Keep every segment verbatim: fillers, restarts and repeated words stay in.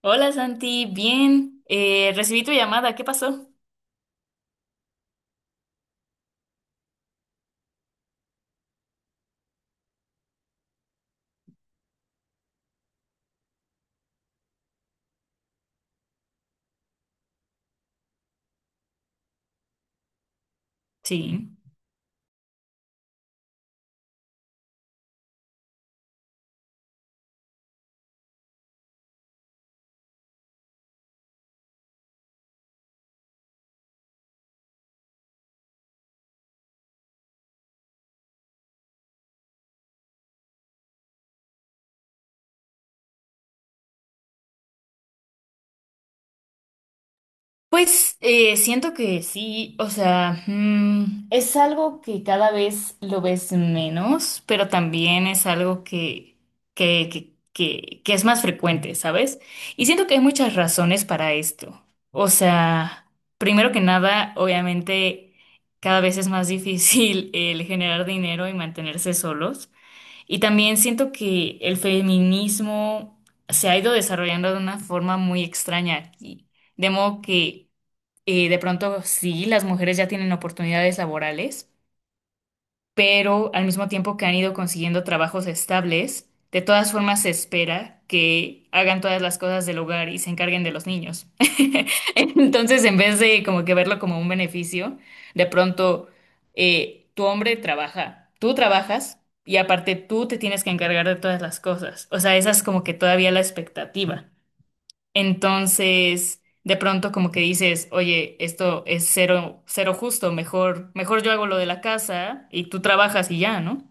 Hola Santi, bien, eh, recibí tu llamada, ¿qué pasó? Sí. Pues eh, siento que sí, o sea, mm, es algo que cada vez lo ves menos, pero también es algo que, que, que, que, que es más frecuente, ¿sabes? Y siento que hay muchas razones para esto. O sea, primero que nada, obviamente, cada vez es más difícil el generar dinero y mantenerse solos. Y también siento que el feminismo se ha ido desarrollando de una forma muy extraña aquí, de modo que eh, de pronto sí, las mujeres ya tienen oportunidades laborales, pero al mismo tiempo que han ido consiguiendo trabajos estables, de todas formas se espera que hagan todas las cosas del hogar y se encarguen de los niños. Entonces, en vez de como que verlo como un beneficio, de pronto eh, tu hombre trabaja, tú trabajas y aparte tú te tienes que encargar de todas las cosas. O sea, esa es como que todavía la expectativa. Entonces, de pronto como que dices, oye, esto es cero, cero justo, mejor, mejor yo hago lo de la casa y tú trabajas y ya, ¿no?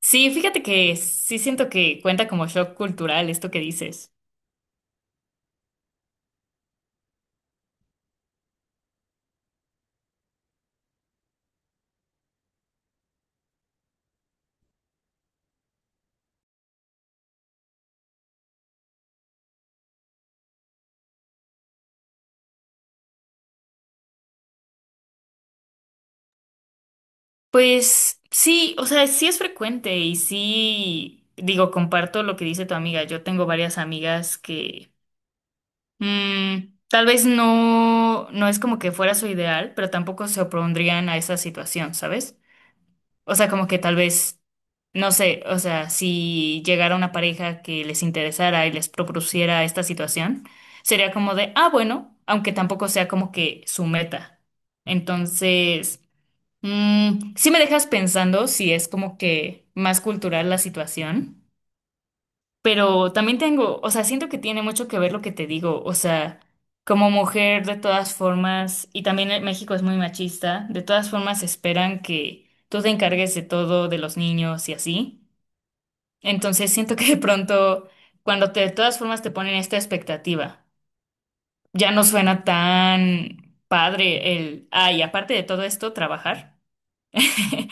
Sí, fíjate que sí siento que cuenta como shock cultural esto que dices. Pues sí, o sea, sí es frecuente y sí, digo, comparto lo que dice tu amiga. Yo tengo varias amigas que mm, tal vez no, no es como que fuera su ideal, pero tampoco se opondrían a esa situación, ¿sabes? O sea, como que tal vez, no sé, o sea, si llegara una pareja que les interesara y les propusiera esta situación, sería como de, ah, bueno, aunque tampoco sea como que su meta. Entonces, mm, sí me dejas pensando si es como que más cultural la situación. Pero también tengo, o sea, siento que tiene mucho que ver lo que te digo, o sea, como mujer de todas formas, y también en México es muy machista, de todas formas esperan que tú te encargues de todo, de los niños y así. Entonces siento que de pronto, cuando te, de todas formas te ponen esta expectativa, ya no suena tan padre el, ay, aparte de todo esto, trabajar.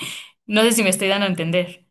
No sé si me estoy dando a entender.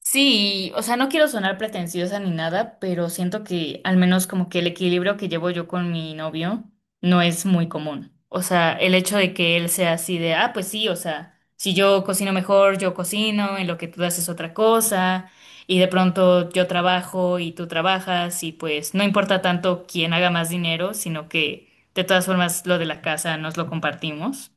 Sí, o sea, no quiero sonar pretenciosa ni nada, pero siento que al menos como que el equilibrio que llevo yo con mi novio no es muy común. O sea, el hecho de que él sea así de, ah, pues sí, o sea, si yo cocino mejor, yo cocino, en lo que tú haces otra cosa, y de pronto yo trabajo y tú trabajas, y pues no importa tanto quién haga más dinero, sino que de todas formas lo de la casa nos lo compartimos.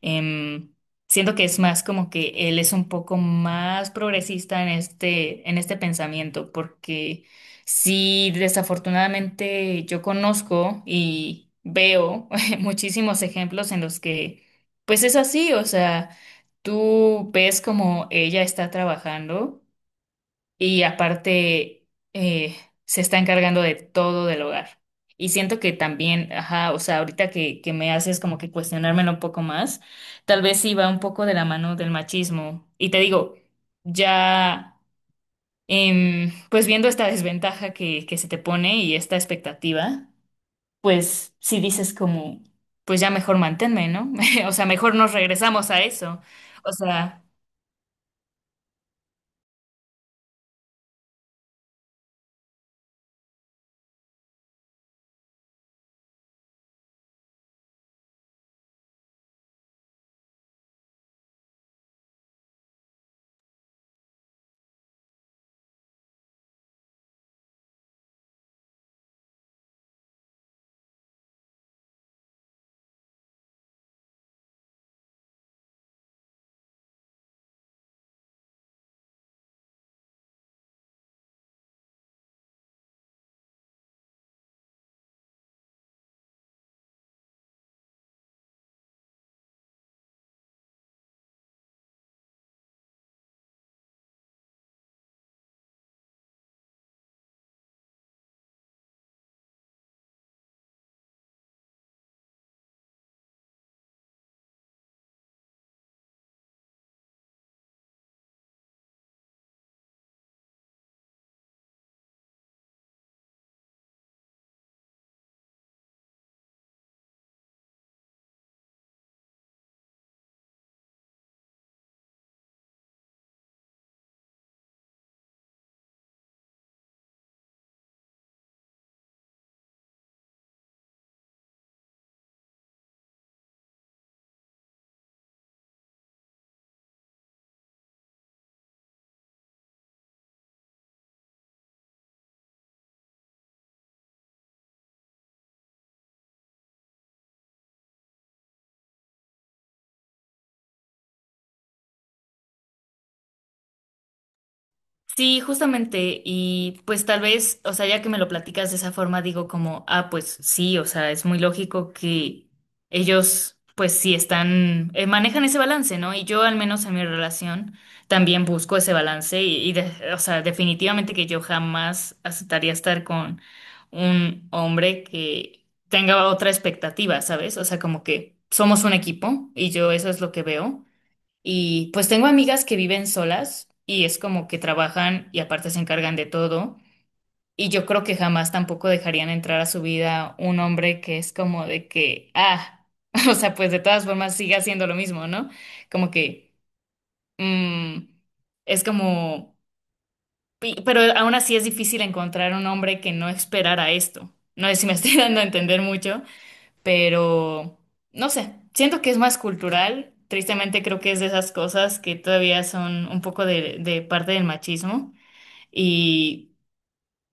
Em, siento que es más como que él es un poco más progresista en este, en este pensamiento, porque sí, desafortunadamente yo conozco y veo muchísimos ejemplos en los que, pues es así, o sea, tú ves como ella está trabajando y aparte eh, se está encargando de todo del hogar. Y siento que también, ajá, o sea, ahorita que, que me haces como que cuestionármelo un poco más, tal vez sí va un poco de la mano del machismo. Y te digo, ya, em, pues viendo esta desventaja que, que se te pone y esta expectativa, pues sí dices como, pues ya mejor manténme, ¿no? O sea, mejor nos regresamos a eso. O sea... Sí, justamente, y pues tal vez, o sea, ya que me lo platicas de esa forma, digo como, ah, pues sí, o sea, es muy lógico que ellos, pues sí están, eh, manejan ese balance, ¿no? Y yo al menos en mi relación también busco ese balance y, y de- o sea, definitivamente que yo jamás aceptaría estar con un hombre que tenga otra expectativa, ¿sabes? O sea, como que somos un equipo y yo eso es lo que veo. Y pues tengo amigas que viven solas y es como que trabajan y aparte se encargan de todo. Y yo creo que jamás tampoco dejarían entrar a su vida un hombre que es como de que, ah, o sea, pues de todas formas sigue haciendo lo mismo, ¿no? Como que, mm, es como, pi- pero aún así es difícil encontrar un hombre que no esperara esto. No sé si me estoy dando a entender mucho, pero no sé, siento que es más cultural. Tristemente creo que es de esas cosas que todavía son un poco de, de parte del machismo y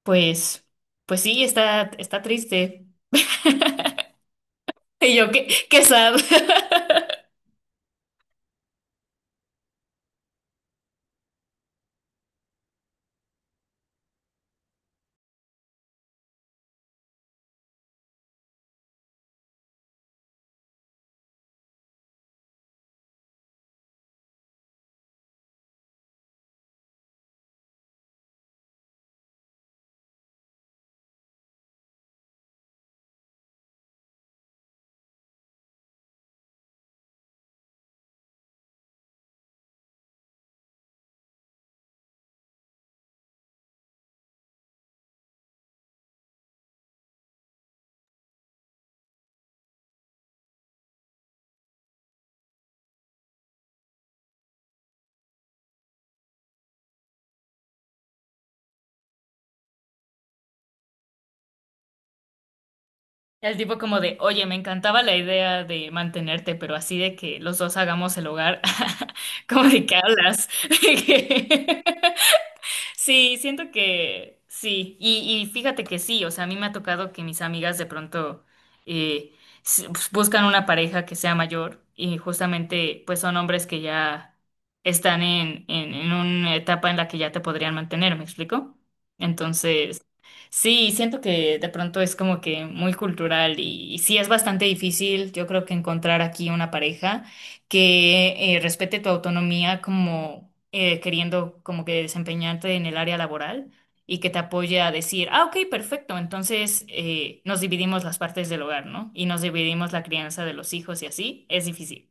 pues, pues sí, está, está triste. Y yo, qué, qué sad. El tipo como de, oye, me encantaba la idea de mantenerte, pero así de que los dos hagamos el hogar, como de qué hablas. Sí, siento que sí. Y, y fíjate que sí, o sea, a mí me ha tocado que mis amigas de pronto eh, s- pues, buscan una pareja que sea mayor y justamente pues son hombres que ya están en, en, en una etapa en la que ya te podrían mantener, ¿me explico? Entonces, sí, siento que de pronto es como que muy cultural y, y sí es bastante difícil, yo creo que encontrar aquí una pareja que eh, respete tu autonomía como eh, queriendo como que desempeñarte en el área laboral y que te apoye a decir, ah, ok, perfecto, entonces eh, nos dividimos las partes del hogar, ¿no? Y nos dividimos la crianza de los hijos y así, es difícil.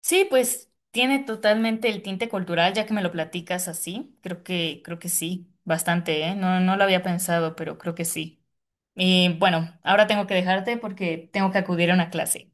Sí, pues tiene totalmente el tinte cultural, ya que me lo platicas así, creo que, creo que sí, bastante, ¿eh? No, no lo había pensado, pero creo que sí. Y bueno, ahora tengo que dejarte porque tengo que acudir a una clase.